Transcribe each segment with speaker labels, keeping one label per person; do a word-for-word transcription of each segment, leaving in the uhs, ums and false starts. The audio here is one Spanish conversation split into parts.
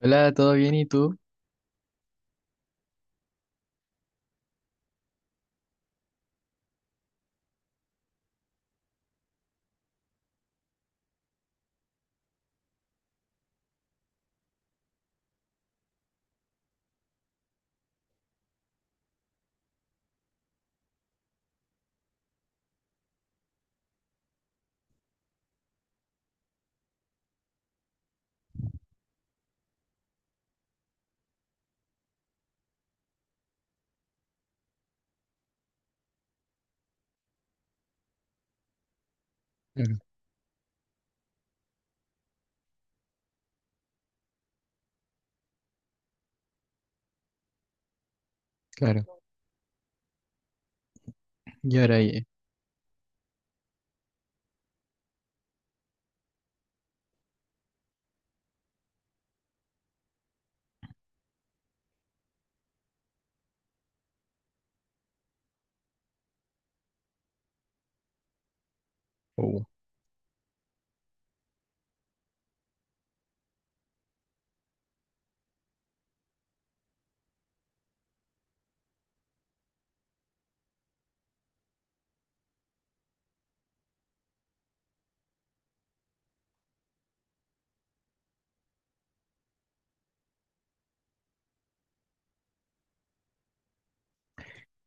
Speaker 1: Hola, ¿todo bien? ¿Y tú? Claro, claro. Y ahora, oye, Uh,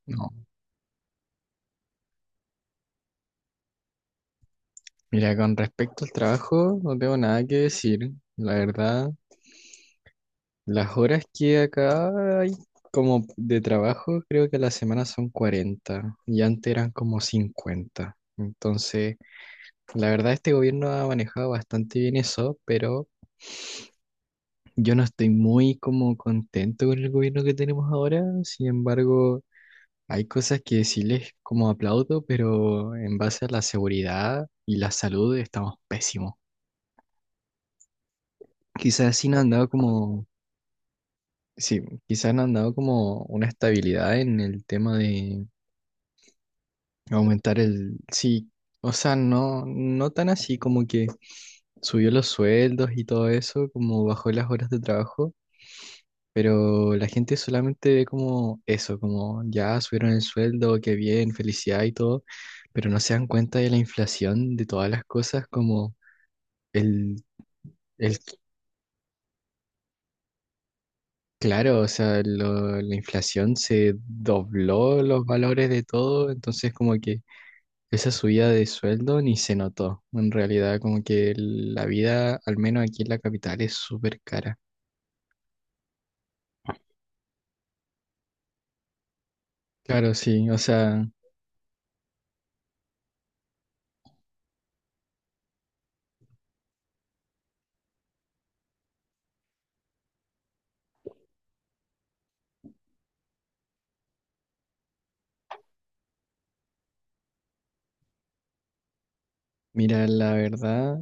Speaker 1: no. Mira, con respecto al trabajo, no tengo nada que decir. La verdad, las horas que acá hay como de trabajo, creo que a la semana son cuarenta, y antes eran como cincuenta. Entonces, la verdad, este gobierno ha manejado bastante bien eso, pero yo no estoy muy como contento con el gobierno que tenemos ahora. Sin embargo, hay cosas que sí les como aplaudo, pero en base a la seguridad y la salud estamos pésimos. Quizás sí no han dado como, sí, quizás no han dado como una estabilidad en el tema de aumentar el, sí, o sea, no, no tan así como que subió los sueldos y todo eso, como bajó las horas de trabajo. Pero la gente solamente ve como eso, como ya subieron el sueldo, qué bien, felicidad y todo, pero no se dan cuenta de la inflación de todas las cosas, como el, el claro, o sea, lo- la inflación se dobló los valores de todo, entonces como que esa subida de sueldo ni se notó. En realidad, como que la vida, al menos aquí en la capital, es súper cara. Claro, sí, o sea, mira, la verdad,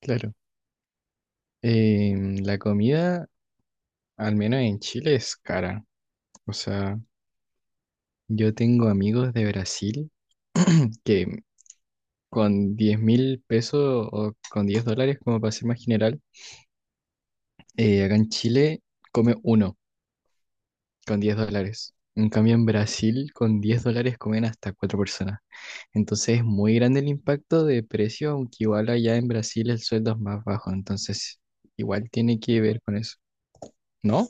Speaker 1: claro. Eh, la comida al menos en Chile es cara. O sea, yo tengo amigos de Brasil que con diez mil pesos o con diez dólares, como para ser más general, eh, acá en Chile come uno con diez dólares. En cambio, en Brasil con diez dólares comen hasta cuatro personas. Entonces es muy grande el impacto de precio, aunque igual allá en Brasil el sueldo es más bajo. Entonces igual tiene que ver con eso. ¿No?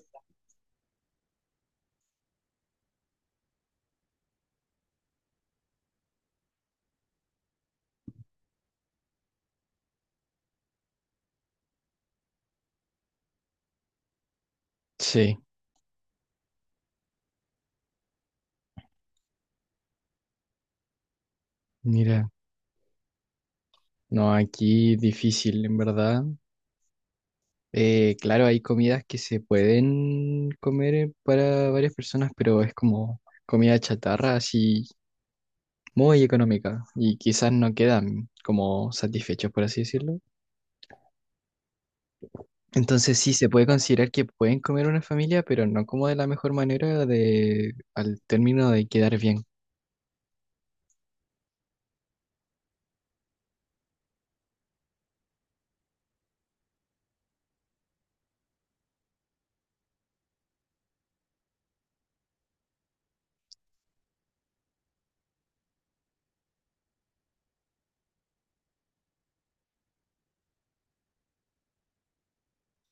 Speaker 1: Sí, mira, no, aquí difícil, en verdad. Eh, claro, hay comidas que se pueden comer eh, para varias personas, pero es como comida chatarra, así muy económica y quizás no quedan como satisfechos, por así decirlo. Entonces sí, se puede considerar que pueden comer una familia, pero no como de la mejor manera de al término de quedar bien.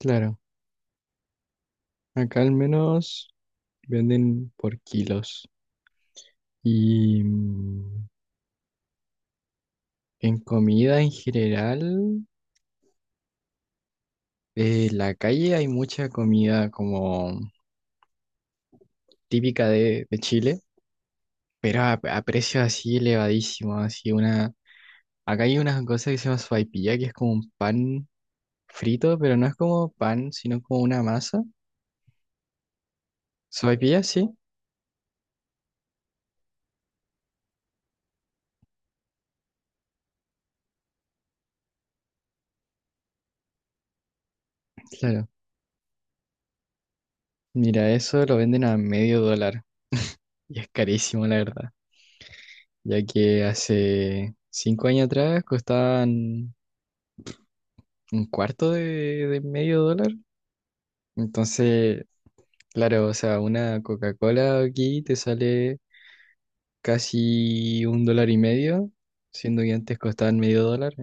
Speaker 1: Claro, acá al menos venden por kilos. Y mm, en comida en general, eh, en la calle hay mucha comida como típica de, de Chile, pero a, a precios así elevadísimos, así una... Acá hay una cosa que se llama sopaipilla, que es como un pan frito, pero no es como pan, sino como una masa. Sopaipilla, sí, claro. Mira, eso lo venden a medio dólar y es carísimo, la verdad, ya que hace cinco años atrás costaban un cuarto de, de medio dólar. Entonces, claro, o sea, una Coca-Cola aquí te sale casi un dólar y medio, siendo que antes costaban medio dólar.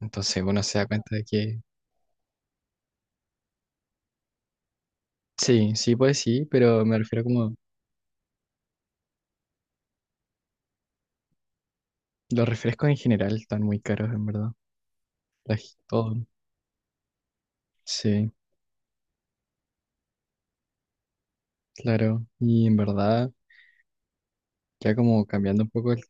Speaker 1: Entonces uno se da cuenta de que sí, sí, pues sí, pero me refiero como los refrescos en general están muy caros, en verdad. Las- todo. Sí, claro. Y en verdad, ya como cambiando un poco, el-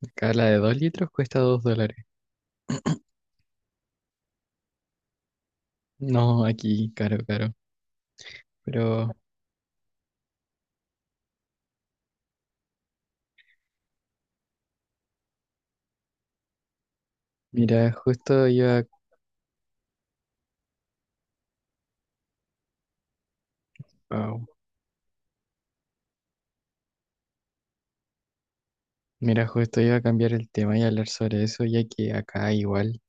Speaker 1: acá la de dos litros cuesta dos dólares. No, aquí, caro, caro. Pero mira, justo iba, wow. Mira, justo iba a cambiar el tema y hablar sobre eso, ya que acá igual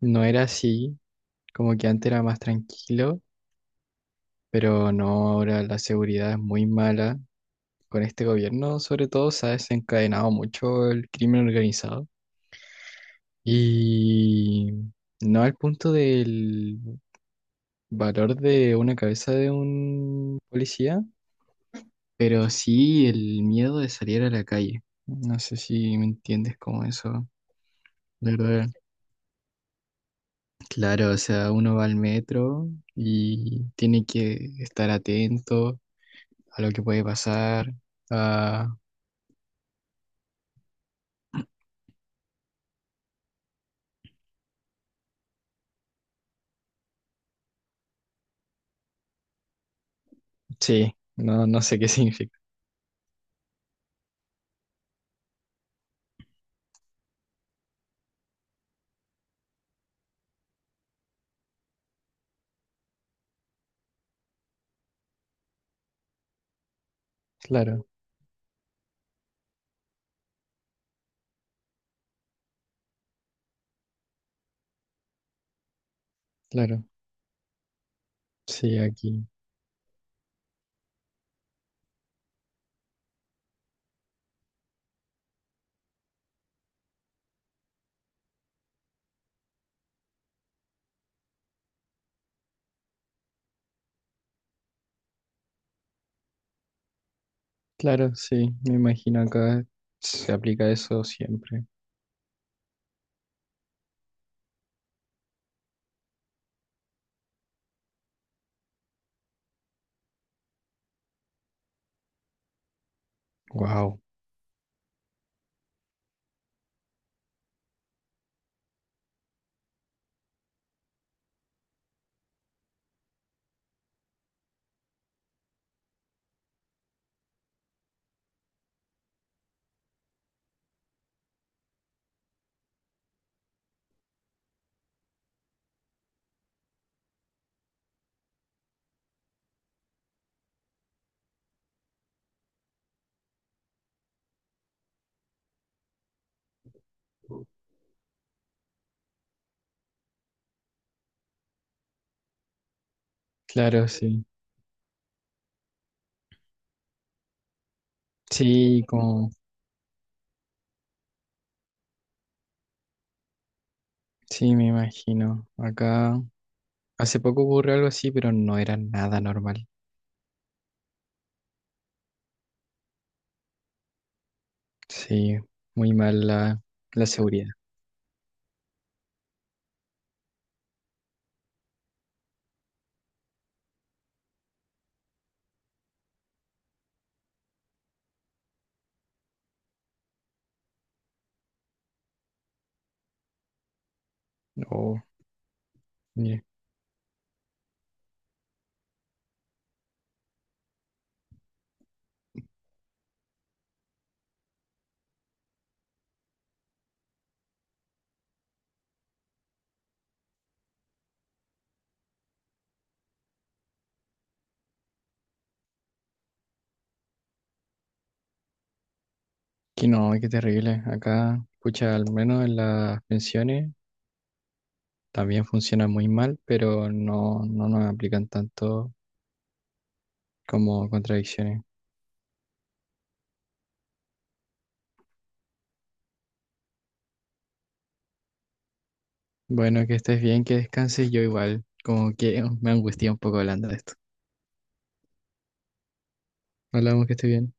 Speaker 1: no era así. Como que antes era más tranquilo, pero no, ahora la seguridad es muy mala. Con este gobierno, sobre todo, se ha desencadenado mucho el crimen organizado. Y no al punto del valor de una cabeza de un policía, pero sí el miedo de salir a la calle. No sé si me entiendes como eso. De ¿Verdad? Claro, o sea, uno va al metro y tiene que estar atento a lo que puede pasar. Ah, sí, no, no sé qué significa. Claro, claro, sí, aquí. Claro, sí, me imagino acá se aplica eso siempre. Wow, claro, sí. Sí, como, sí, me imagino. Acá hace poco ocurrió algo así, pero no era nada normal. Sí, muy mal la, la seguridad. Oh, mire, que no, qué terrible. Acá, escucha, al menos en las pensiones también funcionan muy mal, pero no, no nos aplican tanto como contradicciones. Bueno, que estés bien, que descanses, yo igual, como que me angustia un poco hablando de esto. Hablamos que estés bien.